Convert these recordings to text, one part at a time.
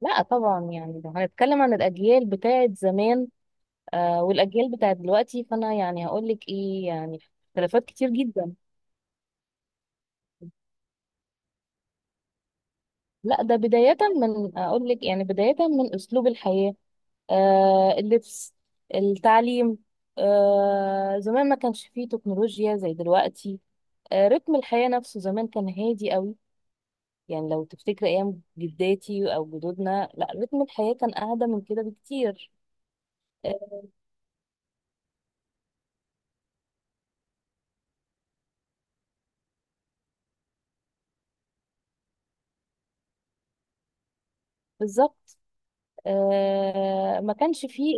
لا طبعا. لو هنتكلم عن الأجيال بتاعت زمان والأجيال بتاعت دلوقتي، فأنا هقولك إيه. يعني اختلافات كتير جدا. لا، ده بداية من أقولك، يعني بداية من أسلوب الحياة، اللبس، التعليم. زمان ما كانش فيه تكنولوجيا زي دلوقتي. رتم الحياة نفسه زمان كان هادي قوي. يعني لو تفتكر أيام جداتي أو جدودنا، لا رتم الحياة كان أهدى من كده بكتير. آه، بالظبط. ما كانش فيه.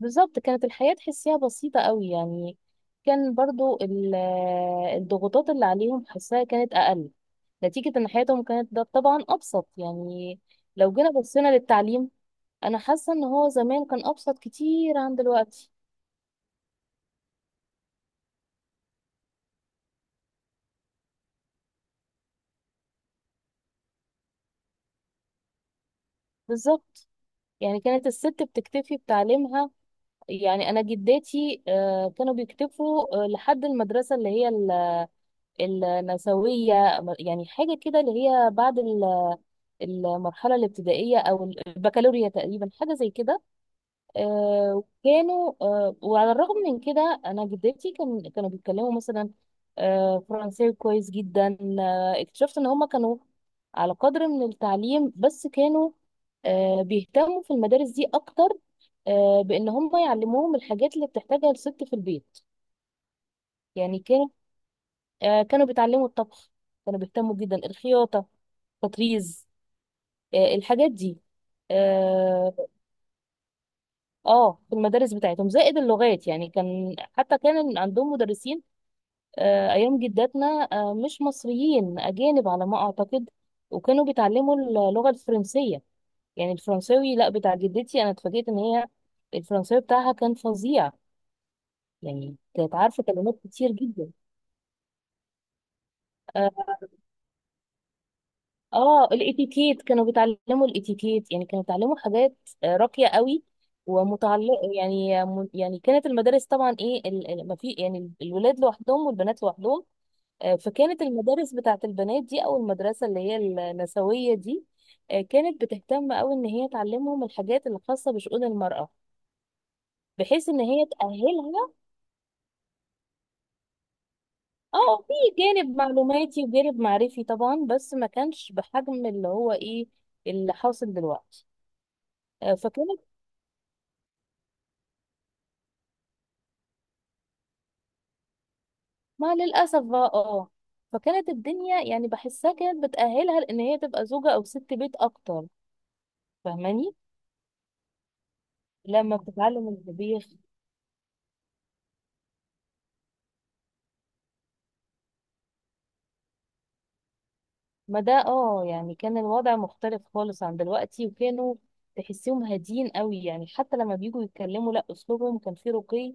بالظبط، كانت الحياة تحسيها بسيطة قوي يعني. كان برضو الضغوطات اللي عليهم حسها كانت أقل، نتيجة إن حياتهم كانت ده طبعا أبسط يعني. لو جينا بصينا للتعليم، أنا حاسة إن هو زمان كان أبسط كتير عن دلوقتي. بالظبط. يعني كانت الست بتكتفي بتعليمها. يعني أنا جداتي كانوا بيكتفوا لحد المدرسة اللي هي النسوية، يعني حاجة كده، اللي هي بعد المرحلة الابتدائية أو البكالوريا تقريبا، حاجة زي كده. آه، كانوا آه، وعلى الرغم من كده أنا جدتي كانوا بيتكلموا مثلا فرنساوي كويس جدا. اكتشفت إن هما كانوا على قدر من التعليم، بس كانوا بيهتموا في المدارس دي أكتر بإن هما يعلموهم الحاجات اللي بتحتاجها الست في البيت. يعني كانوا كانوا بيتعلموا الطبخ، كانوا بيهتموا جدا الخياطة، تطريز الحاجات دي. آه، اه، في المدارس بتاعتهم زائد اللغات. يعني كان، حتى كان عندهم مدرسين ايام جداتنا مش مصريين، اجانب على ما اعتقد، وكانوا بيتعلموا اللغه الفرنسيه. يعني الفرنساوي، لا بتاع جدتي، انا اتفاجئت ان هي الفرنساوي بتاعها كان فظيع. يعني كانت عارفه كلمات كتير جدا. آه، اه، الاتيكيت، كانوا بيتعلموا الاتيكيت. يعني كانوا بيتعلموا حاجات راقية قوي ومتعلقة. يعني كانت المدارس طبعا، ايه، ما في، يعني الولاد لوحدهم والبنات لوحدهم. فكانت المدارس بتاعت البنات دي، او المدرسة اللي هي النسوية دي كانت بتهتم قوي ان هي تعلمهم الحاجات الخاصة بشؤون المرأة، بحيث ان هي تأهلها. اه، في جانب معلوماتي وجانب معرفي طبعا، بس ما كانش بحجم اللي هو ايه اللي حاصل دلوقتي. آه، فكانت ما للأسف بقى. اه، فكانت الدنيا، يعني بحسها كانت بتأهلها لأن هي تبقى زوجة أو ست بيت أكتر، فاهماني؟ لما بتتعلم الطبيخ. ما ده اه، يعني كان الوضع مختلف خالص عن دلوقتي. وكانوا تحسيهم هاديين قوي. يعني حتى لما بيجوا يتكلموا، لا أسلوبهم كان فيه رقي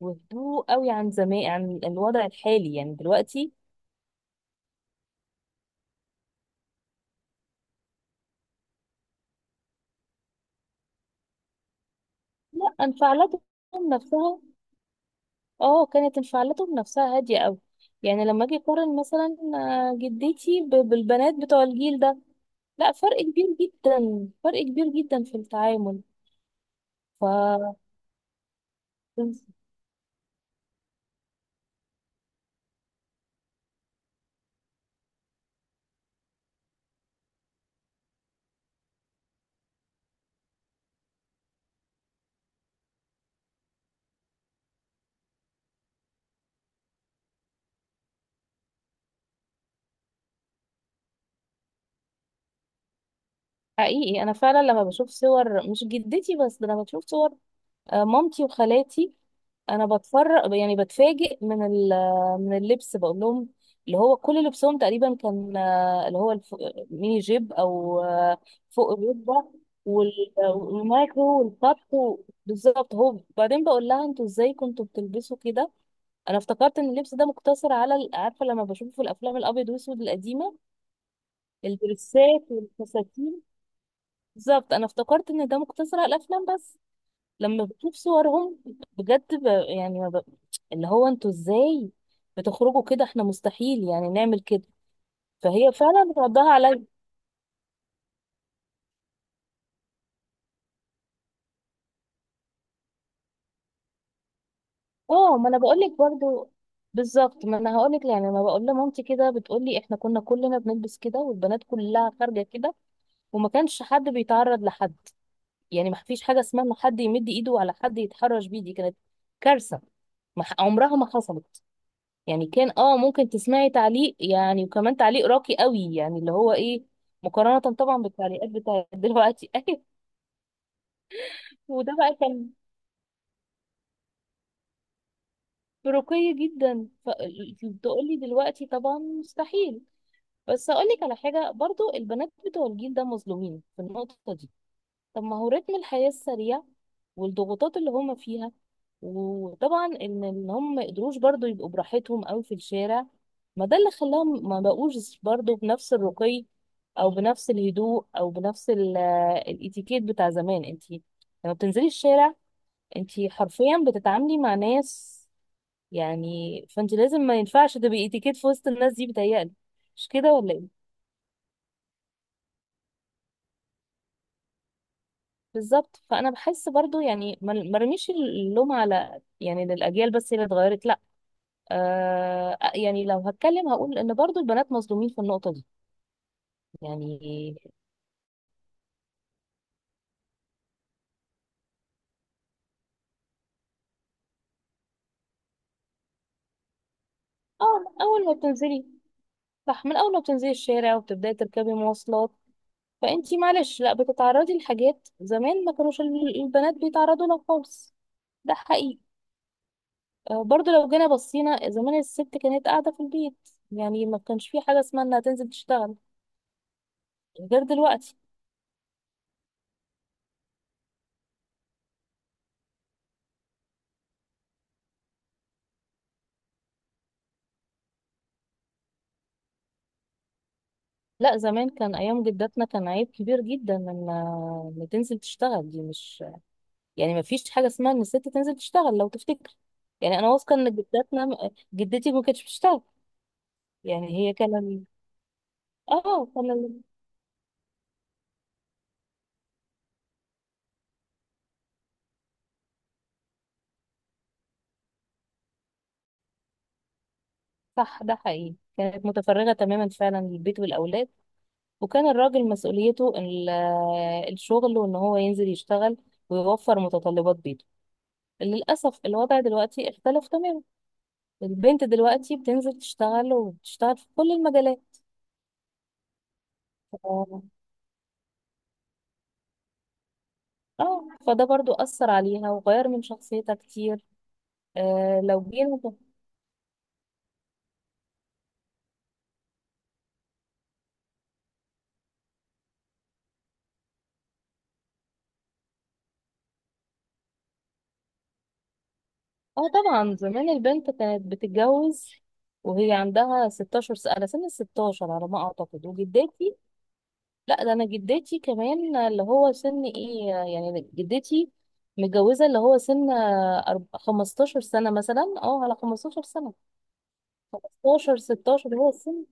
وهدوء قوي عن زمان، عن الوضع الحالي يعني دلوقتي. لا، انفعالاتهم نفسها، اه كانت انفعالاتهم نفسها هادية قوي. يعني لما اجي اقارن مثلا جدتي بالبنات بتوع الجيل ده، لا، فرق كبير جدا، فرق كبير جدا في التعامل. ف حقيقي انا فعلا لما بشوف صور، مش جدتي بس، ده انا بشوف صور مامتي وخالاتي، انا بتفرج، يعني بتفاجئ من من اللبس، بقول لهم اللي هو كل لبسهم تقريبا كان اللي هو ميني جيب، او فوق الركبه، والمايكرو والخط بالظبط. هو بعدين بقول لها انتوا ازاي كنتوا بتلبسوا كده، انا افتكرت ان اللبس ده مقتصر على عارفه، لما بشوفه في الافلام الابيض والاسود القديمه، الدرسات والفساتين. بالظبط، انا افتكرت ان ده مقتصر على الافلام بس. لما بشوف صورهم، بجد ب... يعني ما ب... اللي هو انتوا ازاي بتخرجوا كده؟ احنا مستحيل يعني نعمل كده. فهي فعلا ردها عليا. اه، ما انا بقول لك برضو. بالظبط، ما انا هقول لك. يعني لما بقول لمامتي كده، بتقول لي احنا كنا كلنا بنلبس كده، والبنات كلها خارجه كده، وما كانش حد بيتعرض لحد. يعني ما فيش حاجه اسمها ان حد يمد ايده على حد يتحرش بيه، دي كانت كارثه. ما ح- عمرها ما حصلت. يعني كان، اه، ممكن تسمعي تعليق يعني، وكمان تعليق راقي قوي يعني، اللي هو ايه، مقارنة طبعا بالتعليقات بتاعت دلوقتي. ايوه. وده بقى كان رقي جدا. فتقولي دلوقتي طبعا مستحيل. بس اقول لك على حاجة، برضو البنات بتوع الجيل ده مظلومين في النقطة دي. طب ما هو رتم الحياة السريع والضغوطات اللي هما فيها، وطبعا ان إن هم ما قدروش برضو يبقوا براحتهم قوي في الشارع، ما ده اللي خلاهم ما بقوش برضو بنفس الرقي، او بنفس الهدوء، او بنفس الاتيكيت بتاع زمان. انت لما بتنزلي الشارع، انت حرفيا بتتعاملي مع ناس، يعني. فانت لازم، ما ينفعش تبقي اتيكيت في وسط الناس دي، بتهيألي. مش كده ولا ايه؟ بالظبط. فانا بحس برضو يعني، ما رميش اللوم على، يعني، للاجيال بس اللي اتغيرت، لا. آه، يعني لو هتكلم، هقول ان برضو البنات مظلومين في النقطه دي. يعني اه اول ما بتنزلي صح، من اول ما بتنزلي الشارع وبتبداي تركبي مواصلات، فانتي معلش، لا، بتتعرضي لحاجات زمان ما كانوش البنات بيتعرضوا لها خالص. ده حقيقي. برضو لو جينا بصينا زمان، الست كانت قاعده في البيت. يعني ما كانش في حاجه اسمها انها تنزل تشتغل، غير دلوقتي. لا، زمان، كان ايام جداتنا كان عيب كبير جدا ان، ان تنزل تشتغل، دي مش، يعني ما فيش حاجه اسمها ان الست تنزل تشتغل لو تفتكر. يعني انا واثقه ان جداتنا، جدتي ما كانتش بتشتغل. يعني هي كان اه كان ال- صح، ده حقيقي، كانت متفرغه تماما فعلا للبيت والاولاد. وكان الراجل مسؤوليته الشغل، وان هو ينزل يشتغل ويوفر متطلبات بيته. للاسف الوضع دلوقتي اختلف تماما. البنت دلوقتي بتنزل تشتغل، وبتشتغل في كل المجالات. اه فده برضو أثر عليها وغير من شخصيتها كتير. آه لو جينا ب- اه، طبعا زمان البنت كانت بتتجوز وهي عندها 16 سنة، على سن ال 16 على ما أعتقد. وجدتي، لا، ده أنا جدتي كمان، اللي هو سن إيه يعني، جدتي متجوزة اللي هو سن 15 سنة مثلا، اه، على 15 سنة، 15، 16 هو السن.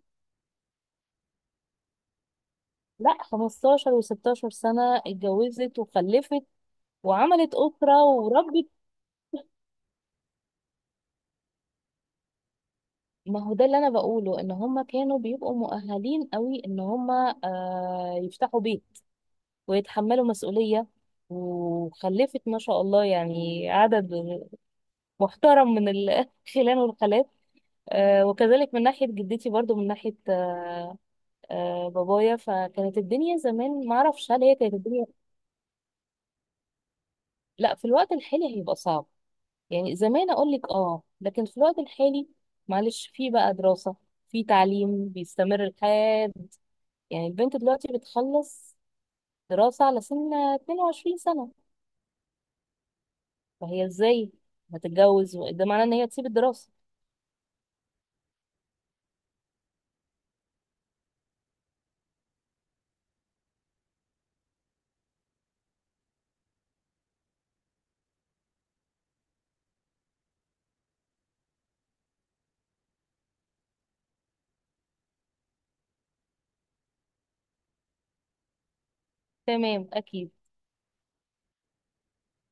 لا 15 و16 سنة اتجوزت وخلفت وعملت أسرة وربت. ما هو ده اللي انا بقوله، ان هم كانوا بيبقوا مؤهلين قوي ان هم آه يفتحوا بيت ويتحملوا مسؤولية. وخلفت ما شاء الله يعني عدد محترم من الخلان والخالات. آه، وكذلك من ناحية جدتي برضو، من ناحية بابايا. فكانت الدنيا زمان، ما اعرفش هل هي كانت الدنيا. لا، في الوقت الحالي هيبقى صعب. يعني زمان اقول لك اه، لكن في الوقت الحالي، معلش، في بقى دراسة، في تعليم بيستمر لحد، يعني البنت دلوقتي بتخلص دراسة على سن 22 سنة. فهي ازاي هتتجوز ده معناه ان هي تسيب الدراسة. تمام، اكيد.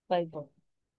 طيب.